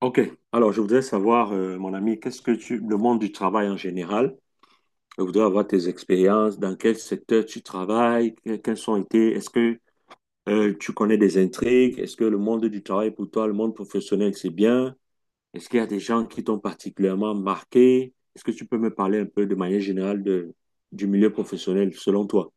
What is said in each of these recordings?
Ok, alors je voudrais savoir, mon ami, le monde du travail en général, je voudrais avoir tes expériences, dans quel secteur tu travailles, quelles ont été, est-ce que tu connais des intrigues, est-ce que le monde du travail pour toi, le monde professionnel, c'est bien, est-ce qu'il y a des gens qui t'ont particulièrement marqué, est-ce que tu peux me parler un peu de manière générale de, du milieu professionnel selon toi?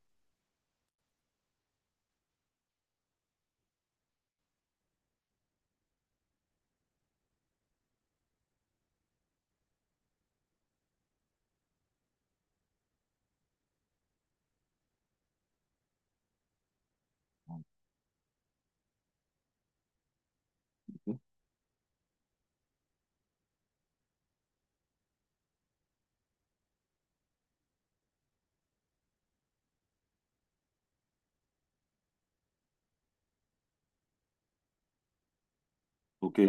Ok,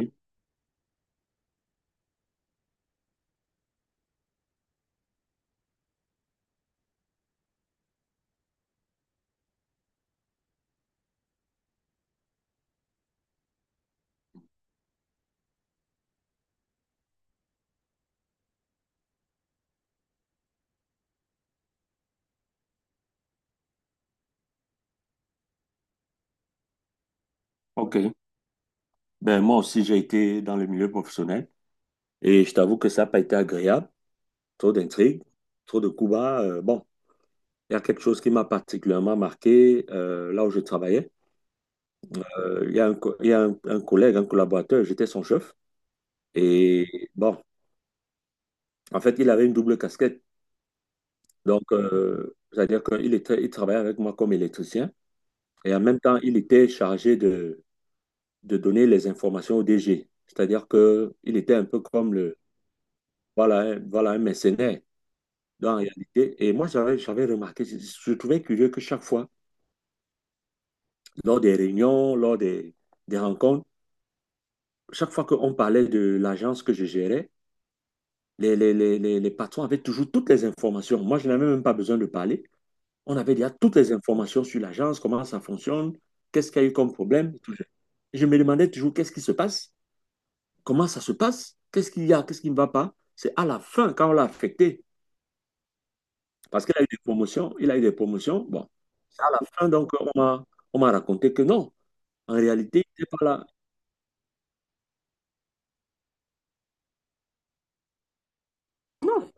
ok. Ben moi aussi, j'ai été dans le milieu professionnel et je t'avoue que ça n'a pas été agréable. Trop d'intrigues, trop de coups bas. Bon, il y a quelque chose qui m'a particulièrement marqué là où je travaillais. Il y a un, co- il y a un collègue, un collaborateur, j'étais son chef. Et bon, en fait, il avait une double casquette. Donc, c'est-à-dire qu'il était, il travaillait avec moi comme électricien. Et en même temps, il était chargé de donner les informations au DG. C'est-à-dire qu'il était un peu comme le, voilà, voilà un mercenaire dans la réalité. Et moi, j'avais remarqué, je trouvais curieux que chaque fois, lors des réunions, lors des rencontres, chaque fois qu'on parlait de l'agence que je gérais, les patrons avaient toujours toutes les informations. Moi, je n'avais même pas besoin de parler. On avait déjà toutes les informations sur l'agence, comment ça fonctionne, qu'est-ce qu'il y a eu comme problème. Je me demandais toujours qu'est-ce qui se passe, comment ça se passe, qu'est-ce qu'il y a, qu'est-ce qui ne va pas. C'est à la fin, quand on l'a affecté, parce qu'il a eu des promotions, il a eu des promotions. Bon, c'est à la fin, donc, on m'a raconté que non, en réalité, il n'était pas là. Non.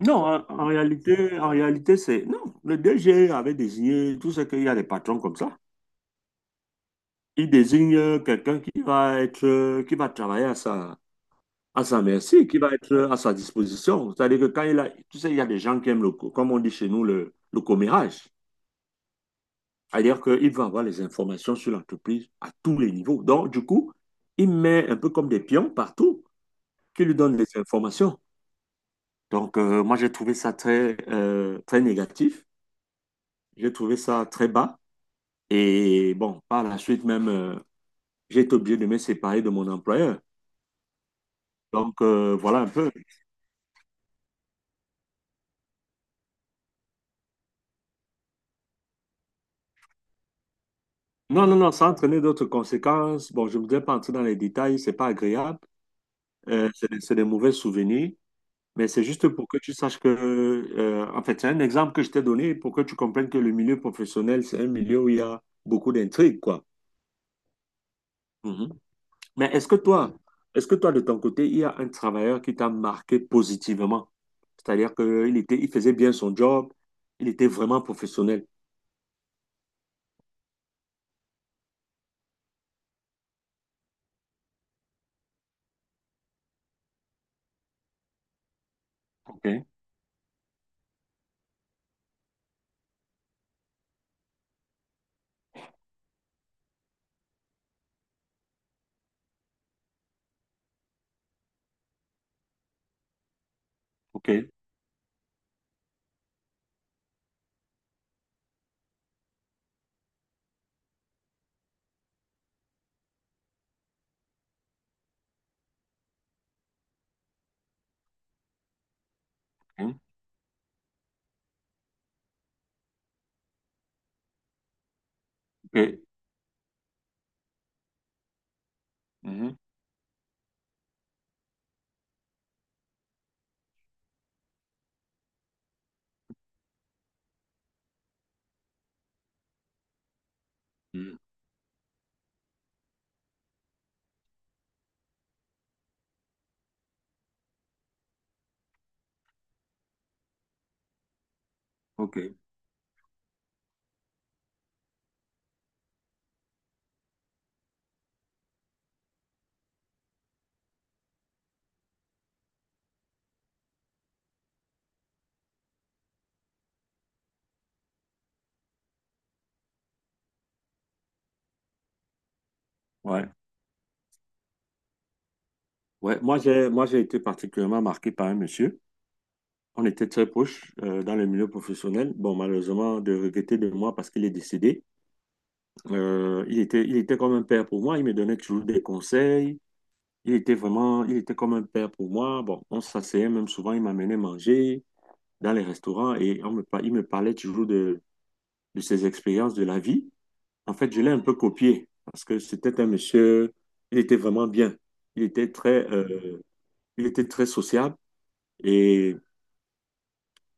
Non, en réalité, c'est... Non, le DG avait désigné, tout ce qu'il y a des patrons comme ça. Il désigne quelqu'un qui va être, qui va travailler à sa merci, qui va être à sa disposition. C'est-à-dire que quand il a, tu sais, il y a des gens qui aiment comme on dit chez nous, le commérage. C'est-à-dire qu'il va avoir les informations sur l'entreprise à tous les niveaux. Donc, du coup, il met un peu comme des pions partout qui lui donnent les informations. Donc, moi, j'ai trouvé ça très négatif. J'ai trouvé ça très bas. Et bon, par la suite même, j'ai été obligé de me séparer de mon employeur. Donc, voilà un peu. Non, non, non, ça a entraîné d'autres conséquences. Bon, je ne voudrais pas entrer dans les détails, c'est pas agréable. C'est des c'est des mauvais souvenirs. Mais c'est juste pour que tu saches que, en fait, c'est un exemple que je t'ai donné pour que tu comprennes que le milieu professionnel, c'est un milieu où il y a beaucoup d'intrigues, quoi. Mhm. Mais est-ce que toi, de ton côté, il y a un travailleur qui t'a marqué positivement? C'est-à-dire qu'il était, il faisait bien son job, il était vraiment professionnel. Ok, ok, hein, ok, mhm, mhm, ok, ouais. Ouais, moi, j'ai été particulièrement marqué par un monsieur. On était très proches dans le milieu professionnel. Bon, malheureusement, de regretter de moi parce qu'il est décédé. Il était comme un père pour moi. Il me donnait toujours des conseils. Il était vraiment, il était comme un père pour moi. Bon, on s'asseyait même souvent, il m'amenait manger dans les restaurants et on me, il me parlait toujours de ses expériences de la vie. En fait, je l'ai un peu copié parce que c'était un monsieur, il était vraiment bien. Il était il était très sociable et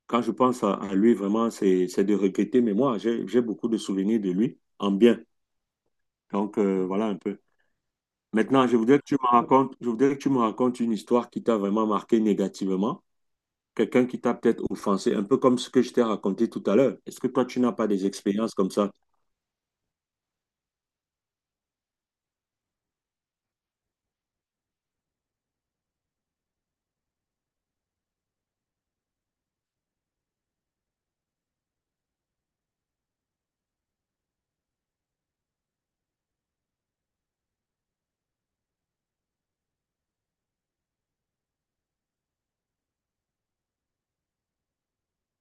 quand je pense à lui, vraiment, c'est de regretter, mais moi, j'ai beaucoup de souvenirs de lui en bien. Donc, voilà un peu. Maintenant, je voudrais que tu me racontes, je voudrais que tu me racontes une histoire qui t'a vraiment marqué négativement quelqu'un qui t'a peut-être offensé, un peu comme ce que je t'ai raconté tout à l'heure. Est-ce que toi, tu n'as pas des expériences comme ça?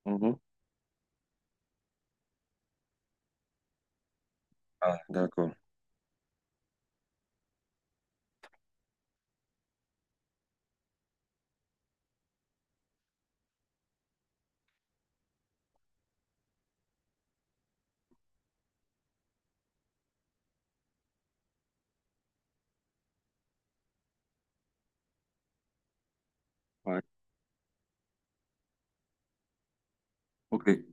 Mhm. Ah, d'accord. Ouais. OK.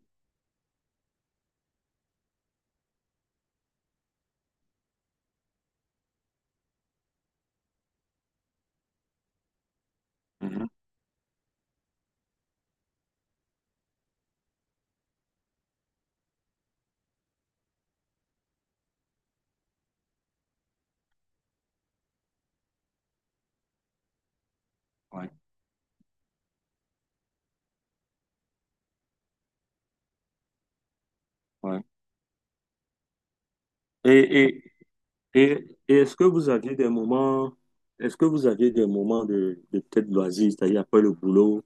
Mhm. Ouais. Ouais. Et, et, et est-ce que vous aviez des moments, est-ce que vous aviez des moments de peut-être loisirs, c'est-à-dire après le boulot,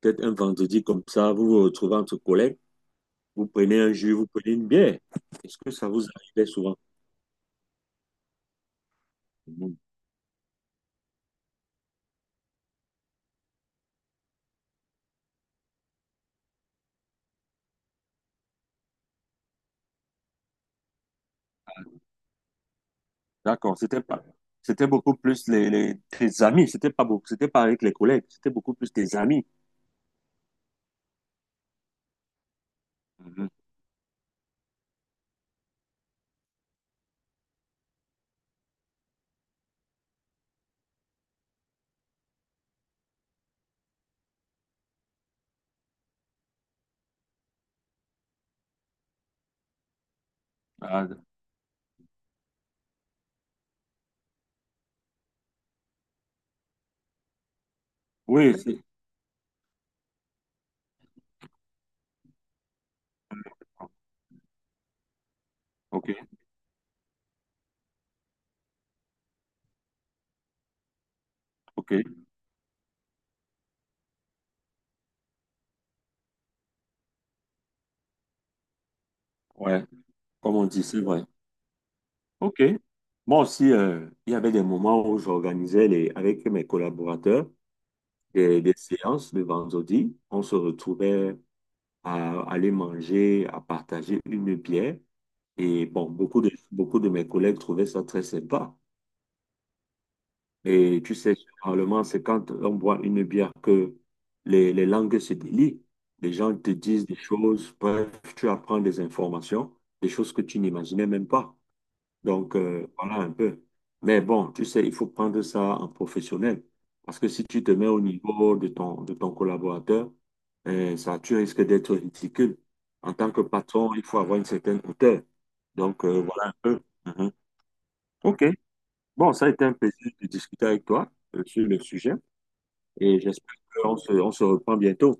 peut-être un vendredi comme ça, vous vous retrouvez entre collègues? Vous prenez un jus, vous prenez une bière. Est-ce que ça vous arrivait souvent? Non. D'accord, c'était pas, c'était beaucoup plus tes amis, c'était pas beaucoup, c'était pas avec les collègues, c'était beaucoup plus tes amis. Mhm. Ah, oui, c'est, ok, ok, ouais, comme on dit, c'est vrai. Ok. Moi aussi, il y avait des moments où j'organisais les, avec mes collaborateurs des séances le vendredi. On se retrouvait à aller manger, à partager une bière. Et bon, beaucoup de mes collègues trouvaient ça très sympa. Et tu sais, généralement, c'est quand on boit une bière que les langues se délient. Les gens te disent des choses, bref, tu apprends des informations, des choses que tu n'imaginais même pas. Donc, voilà un peu. Mais bon, tu sais, il faut prendre ça en professionnel. Parce que si tu te mets au niveau de de ton collaborateur, tu risques d'être ridicule. En tant que patron, il faut avoir une certaine hauteur. Donc, voilà un peu. Mhm. OK. Bon, ça a été un plaisir de discuter avec toi sur le sujet et j'espère qu'on se, on se reprend bientôt.